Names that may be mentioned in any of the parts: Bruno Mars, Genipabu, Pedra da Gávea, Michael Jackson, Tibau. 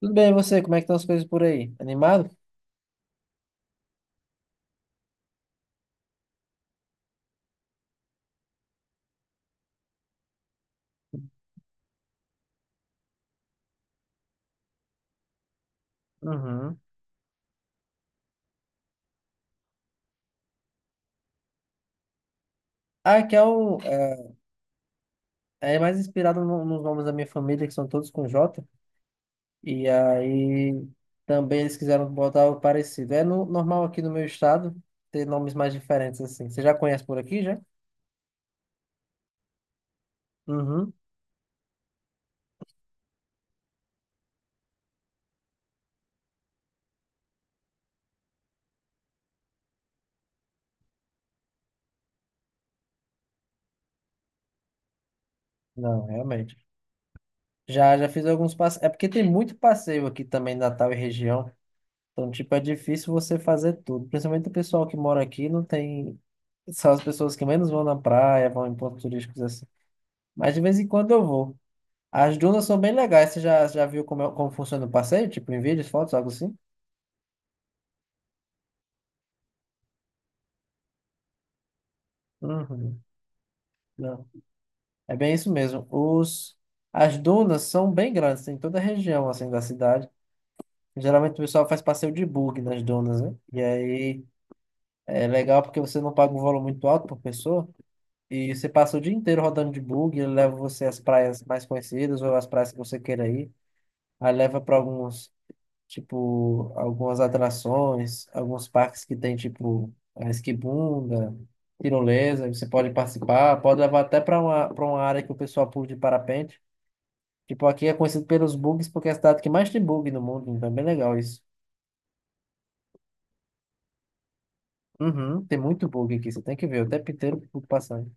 Tudo bem, e você? Como é que estão as coisas por aí? Animado? Uhum. Ah, que é o. É, é mais inspirado nos nomes da minha família, que são todos com J. E aí também eles quiseram botar algo parecido. É normal aqui no meu estado ter nomes mais diferentes assim. Você já conhece por aqui, já? Uhum. Não, realmente. Já fiz alguns passeios. É porque tem muito passeio aqui também, Natal e região. Então, tipo, é difícil você fazer tudo. Principalmente o pessoal que mora aqui não tem. São as pessoas que menos vão na praia, vão em pontos turísticos. Mas de vez em quando eu vou. As dunas são bem legais. Você já viu como funciona o passeio? Tipo, em vídeos, fotos, algo assim? Uhum. Não. É bem isso mesmo. As dunas são bem grandes, tem em toda a região assim, da cidade. Geralmente o pessoal faz passeio de bug nas dunas, né? E aí é legal porque você não paga um valor muito alto por pessoa. E você passa o dia inteiro rodando de bug, ele leva você às praias mais conhecidas ou às praias que você queira ir. Aí leva para alguns, tipo, algumas atrações, alguns parques que tem, tipo, a esquibunda, tirolesa, você pode participar, pode levar até para uma área que o pessoal pula de parapente. Tipo, aqui é conhecido pelos bugs porque é a cidade que mais tem bug no mundo, então é bem legal isso. Uhum, tem muito bug aqui, você tem que ver, o tempo inteiro o bug passando.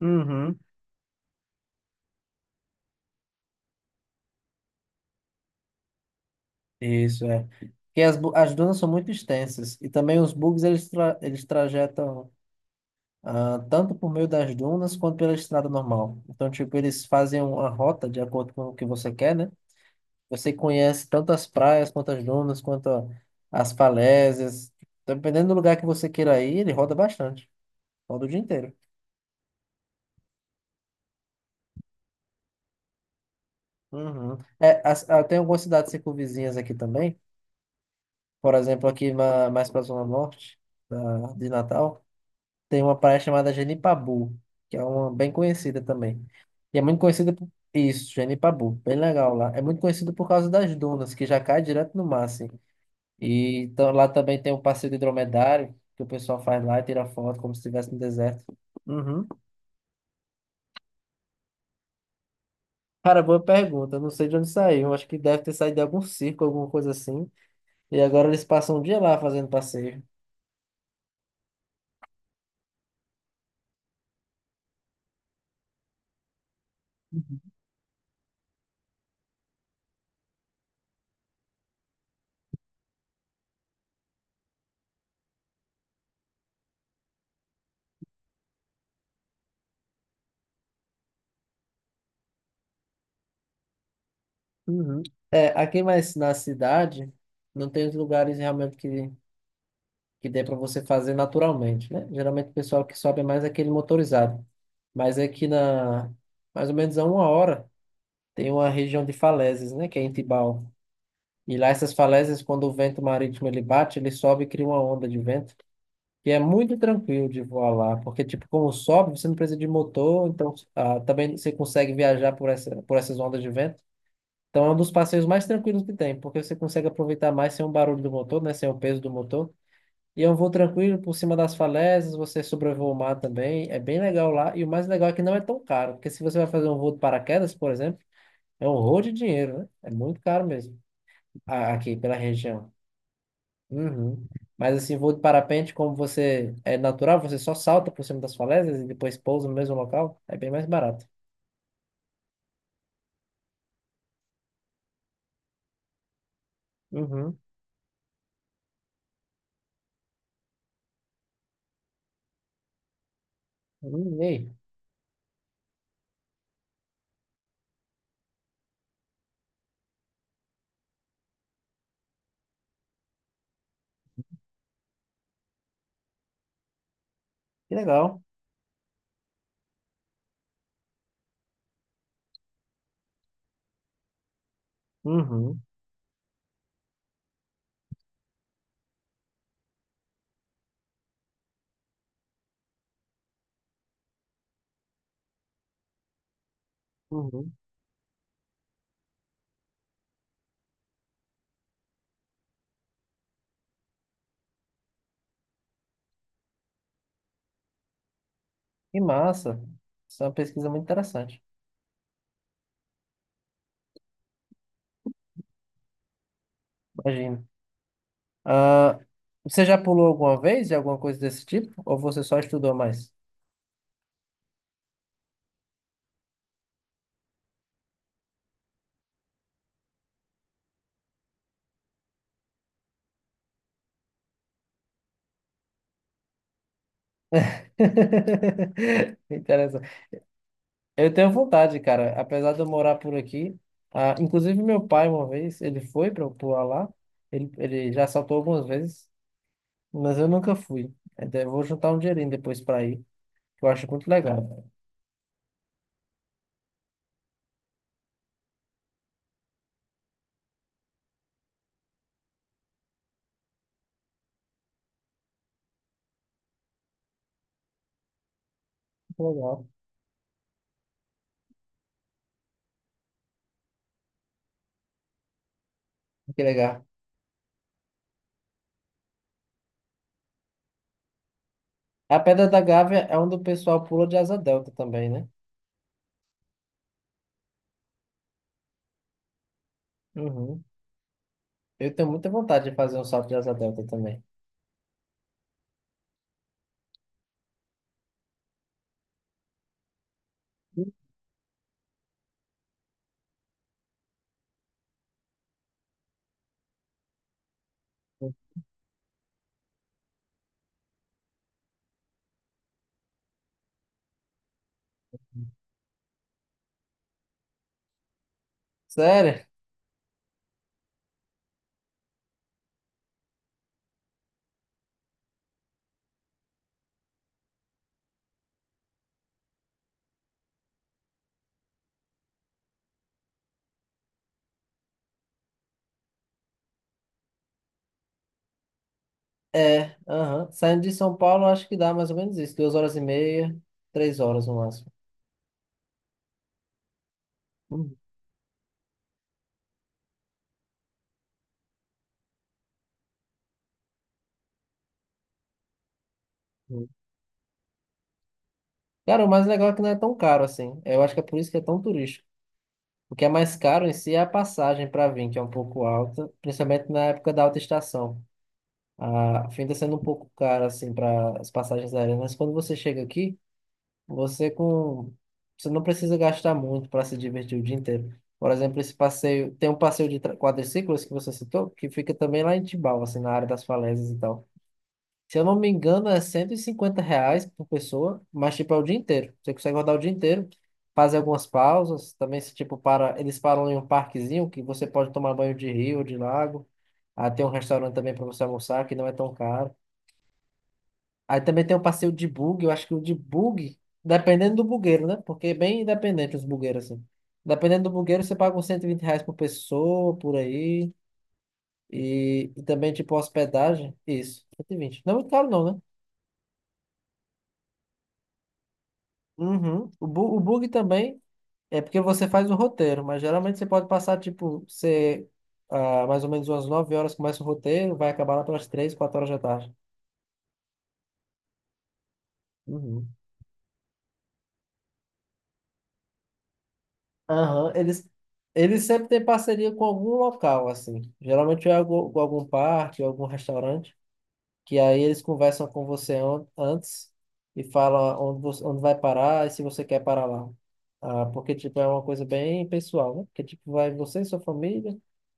Uhum. Isso, é. Porque as dunas são muito extensas e também os bugs eles trajetam, tanto por meio das dunas quanto pela estrada normal. Então, tipo, eles fazem uma rota de acordo com o que você quer, né? Você conhece tanto as praias quanto as dunas, quanto as falésias. Dependendo do lugar que você queira ir, ele roda bastante. Roda o dia inteiro. Uhum. É, tem algumas cidades circunvizinhas aqui também. Por exemplo, aqui mais para a Zona Norte de Natal. Tem uma praia chamada Genipabu, que é uma bem conhecida também. E é muito conhecida por isso, Genipabu, bem legal lá. É muito conhecido por causa das dunas, que já cai direto no mar, assim. E então, lá também tem um passeio de dromedário, que o pessoal faz lá e tira foto como se estivesse no deserto. Uhum. Cara, boa pergunta. Eu não sei de onde saiu. Acho que deve ter saído de algum circo, alguma coisa assim. E agora eles passam um dia lá fazendo passeio. Uhum. É, aqui mais na cidade, não tem os lugares realmente que dê para você fazer naturalmente, né? Geralmente o pessoal que sobe é mais aquele motorizado. Mas aqui na mais ou menos a uma hora tem uma região de falésias, né? Que é em Tibau. E lá essas falésias, quando o vento marítimo ele bate, ele sobe e cria uma onda de vento, que é muito tranquilo de voar lá, porque tipo, como sobe, você não precisa de motor, então, também você consegue viajar por essas ondas de vento. Então é um dos passeios mais tranquilos que tem, porque você consegue aproveitar mais sem o barulho do motor, né? Sem o peso do motor. E eu vou tranquilo por cima das falésias, você sobrevoa o mar também, é bem legal lá. E o mais legal é que não é tão caro, porque se você vai fazer um voo de paraquedas, por exemplo, é um horror de dinheiro, né? É muito caro mesmo, aqui pela região. Uhum. Mas assim, voo de parapente, como você é natural, você só salta por cima das falésias e depois pousa no mesmo local, é bem mais barato. Uhum. E aí? Que legal. Uhum. Uhum. Que massa. Isso é uma pesquisa muito interessante. Imagina. Ah, você já pulou alguma vez de alguma coisa desse tipo? Ou você só estudou mais? Interessante. Eu tenho vontade, cara. Apesar de eu morar por aqui, ah, inclusive meu pai uma vez, ele foi para pular lá. Ele já saltou algumas vezes, mas eu nunca fui. Até vou juntar um dinheirinho depois para ir, que eu acho muito legal. Muito legal. Que legal. A Pedra da Gávea é onde o pessoal pula de asa delta também, né? Uhum. Eu tenho muita vontade de fazer um salto de asa delta também. Uhum. Sério? É, aham. Saindo de São Paulo, acho que dá mais ou menos isso. 2 horas e meia, 3 horas no máximo. Uhum. Cara, o mais legal é que não é tão caro assim. Eu acho que é por isso que é tão turístico. O que é mais caro em si é a passagem para vir, que é um pouco alta, principalmente na época da alta estação. A, fim de sendo um pouco caro assim para as passagens aéreas, mas quando você chega aqui, Você com, você não precisa gastar muito para se divertir o dia inteiro. Por exemplo, esse passeio, tem um passeio de quadriciclos que você citou, que fica também lá em Tibau, assim, na área das falésias e tal. Se eu não me engano, é R$ 150 por pessoa, mas tipo é o dia inteiro. Você consegue rodar o dia inteiro, fazer algumas pausas, também se tipo para, eles param em um parquezinho que você pode tomar banho de rio ou de lago. Ah, tem um restaurante também para você almoçar que não é tão caro. Aí também tem o passeio de bug, eu acho que o de bug, dependendo do bugueiro, né? Porque é bem independente os bugueiros, assim. Dependendo do bugueiro, você paga uns R$ 120 por pessoa, por aí. E também, tipo, hospedagem. Isso, 120 não é muito caro, não, né? Uhum. O bug também é porque você faz o roteiro, mas geralmente você pode passar, tipo, você, mais ou menos umas 9 horas começa o roteiro, vai acabar lá pelas 3 4 horas da tarde. Uhum. Aham, eles sempre têm parceria com algum local, assim. Geralmente é com algum parque, algum restaurante, que aí eles conversam com você antes e falam onde vai parar e se você quer parar lá. Ah, porque, tipo, é uma coisa bem pessoal, né? Porque, tipo, vai você e sua família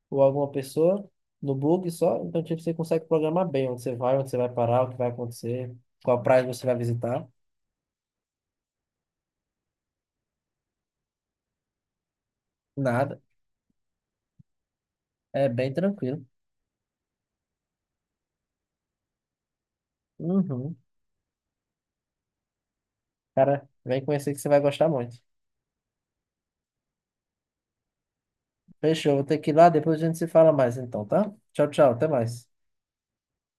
ou alguma pessoa no bug só. Então, tipo, você consegue programar bem onde você vai parar, o que vai acontecer, qual praia você vai visitar. Nada. É bem tranquilo. Uhum. Cara, vem conhecer que você vai gostar muito. Fechou, vou ter que ir lá, depois a gente se fala mais então, tá? Tchau, tchau, até mais.